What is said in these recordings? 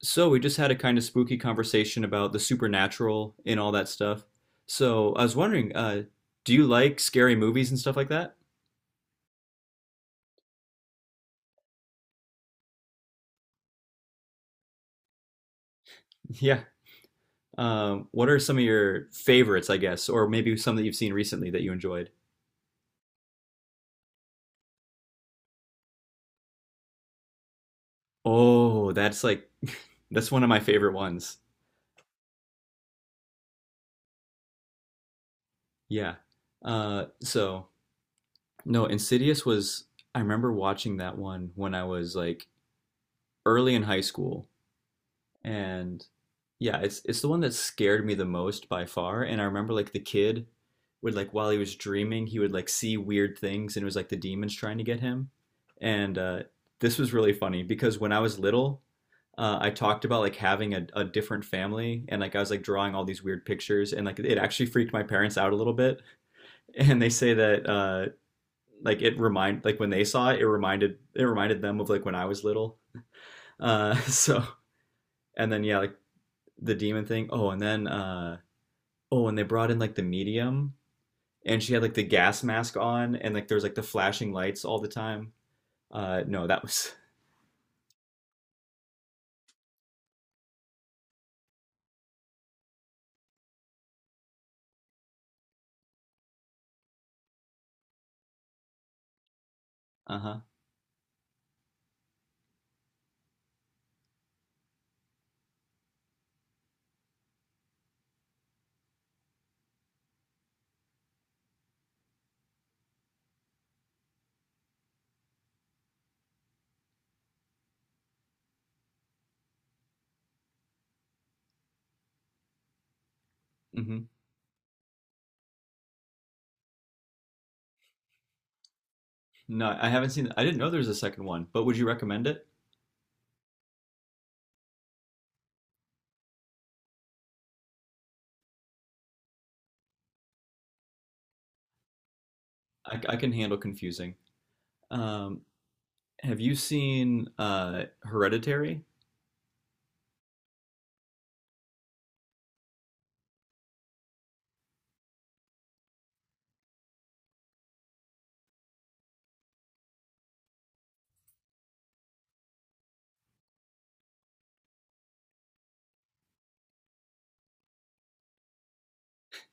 So we just had a kind of spooky conversation about the supernatural and all that stuff. So I was wondering, do you like scary movies and stuff like that? Yeah. What are some of your favorites, I guess, or maybe some that you've seen recently that you enjoyed? Oh, that's like that's one of my favorite ones. Yeah. Uh, so no, Insidious was I remember watching that one when I was like early in high school. And yeah, it's the one that scared me the most by far. And I remember like the kid would like while he was dreaming, he would like see weird things, and it was like the demons trying to get him. And this was really funny because when I was little, I talked about like having a different family, and like I was like drawing all these weird pictures, and like it actually freaked my parents out a little bit. And they say that like it remind like when they saw it, it reminded them of like when I was little. So and then yeah, like the demon thing. Oh, and then oh, and they brought in like the medium and she had like the gas mask on and like there's like the flashing lights all the time. No, that was uh-huh. Hmm. No, I haven't seen I didn't know there's a second one, but would you recommend it? I can handle confusing. Um have you seen Hereditary?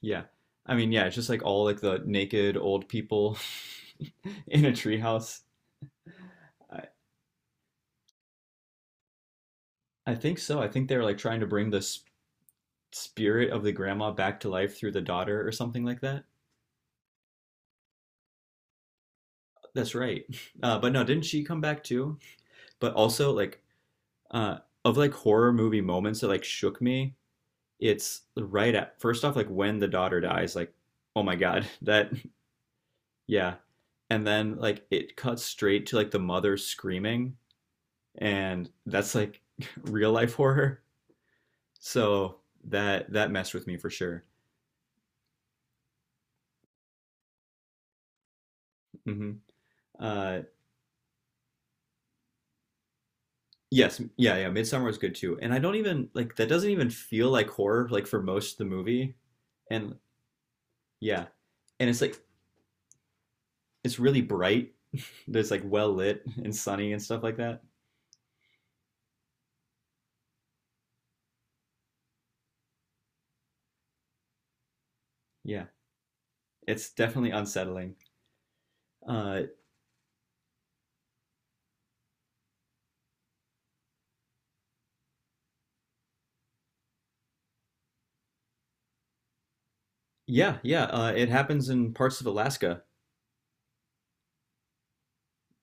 Yeah. I mean, yeah, it's just like all like the naked old people in a treehouse. I, I think so. I think they were like trying to bring the spirit of the grandma back to life through the daughter or something like that. That's right. But no, didn't she come back too? But also like uh of like horror movie moments that like shook me, it's right at first off like when the daughter dies, like oh my God, that yeah. And then like it cuts straight to like the mother screaming and that's like real life horror. So that messed with me for sure. Hmm. Uh, yes, yeah, yeah. Midsummer was good too, and I don't even like that doesn't even feel like horror like for most of the movie. And yeah, and it's like it's really bright. There's like well lit and sunny and stuff like that. Yeah, it's definitely unsettling. Uh, yeah, yeah. It happens in parts of Alaska.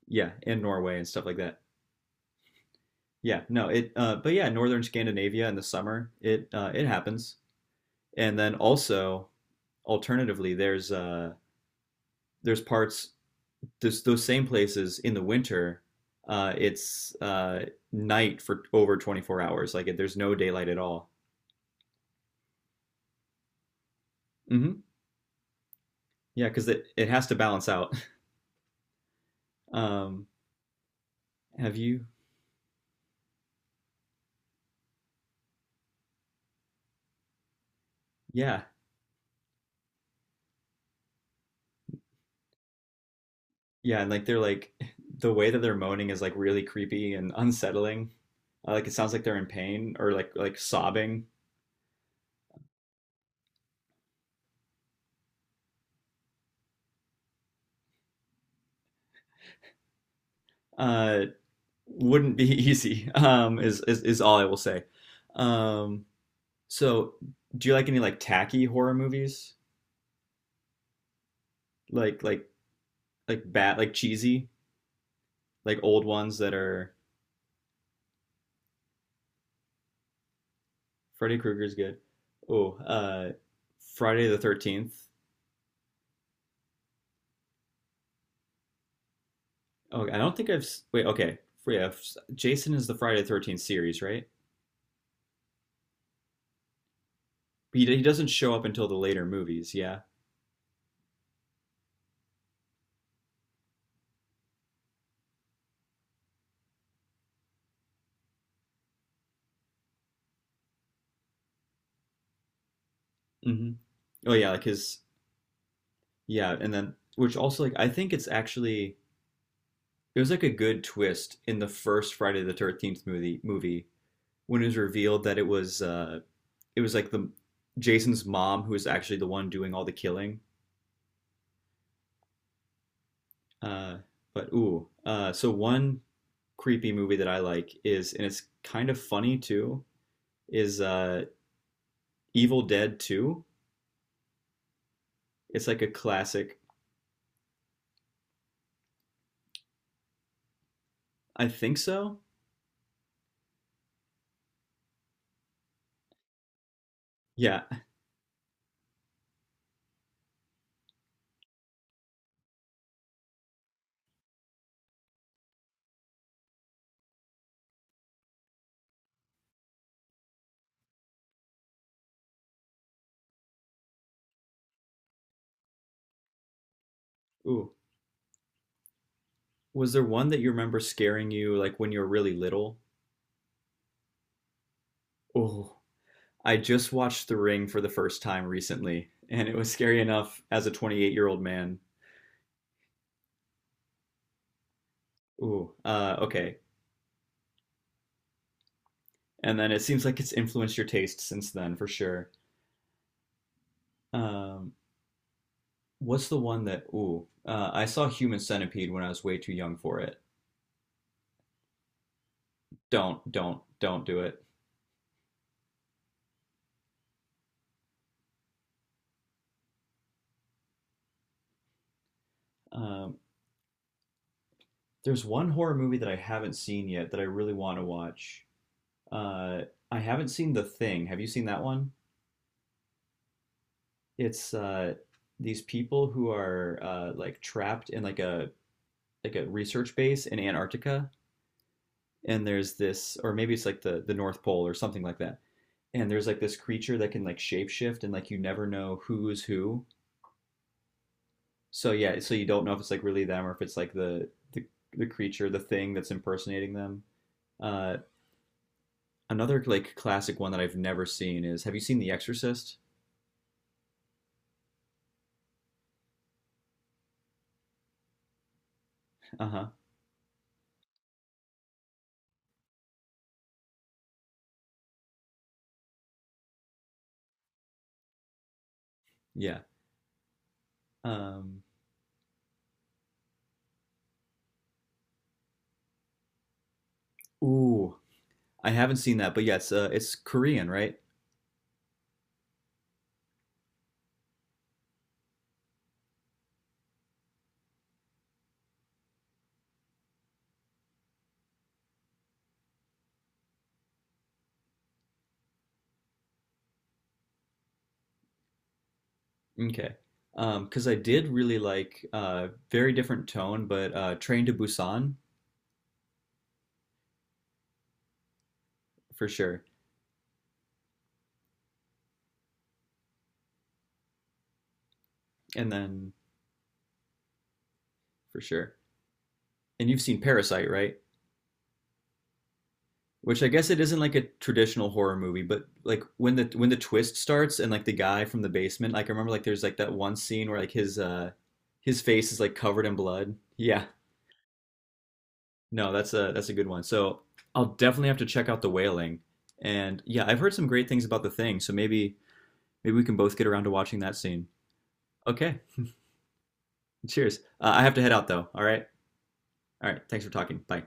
Yeah, and Norway and stuff like that. Yeah, no, it but yeah, northern Scandinavia in the summer, it happens. And then also alternatively there's there's parts those same places in the winter, it's night for over 24 hours. Like it, there's no daylight at all. Hmm. Yeah, because it has to balance out. Um have you yeah. Yeah, and like they're like the way that they're moaning is like really creepy and unsettling. Like it sounds like they're in pain or like sobbing. Uh wouldn't be easy. Is all I will say. Um, so do you like any like tacky horror movies? Like like like bad like cheesy like old ones that are Freddy Krueger's good. Oh, Friday the 13th. Oh, I don't think I've wait. Okay, yeah, Jason is the Friday the 13th series, right? He doesn't show up until the later movies. Yeah. Hmm. Oh yeah, like his yeah, and then which also like I think it's actually it was like a good twist in the first Friday the 13th movie when it was revealed that it was like the Jason's mom who was actually the one doing all the killing. Uh, but ooh, so one creepy movie that I like is and it's kind of funny too is Evil Dead Two. It's like a classic. I think so. Yeah. Ooh, was there one that you remember scaring you like when you were really little? Oh, I just watched The Ring for the first time recently, and it was scary enough as a 28-year-old year old man. Ooh, okay. And then it seems like it's influenced your taste since then, for sure. Um, what's the one that? Ooh, I saw Human Centipede when I was way too young for it. Don't do it. Um, there's one horror movie that I haven't seen yet that I really want to watch. Uh, I haven't seen The Thing. Have you seen that one? It's these people who are like trapped in like a research base in Antarctica, and there's this, or maybe it's like the North Pole or something like that. And there's like this creature that can like shapeshift, and like you never know who is who. So yeah, so you don't know if it's like really them or if it's like the creature, the thing that's impersonating them. Uh, another like classic one that I've never seen is have you seen The Exorcist? Uh huh. Yeah. Um. Ooh, I haven't seen that, but yeah, it's Korean, right? Okay. 'Cause I did really like very different tone, but Train to Busan for sure. And then for sure. And you've seen Parasite, right? Which I guess it isn't like a traditional horror movie, but like when the twist starts and like the guy from the basement, like I remember like there's like that one scene where like his face is like covered in blood. Yeah. No, that's a good one. So I'll definitely have to check out The Wailing. And yeah, I've heard some great things about The Thing, so maybe maybe we can both get around to watching that scene. Okay. Cheers. I have to head out though. All right. All right. Thanks for talking. Bye.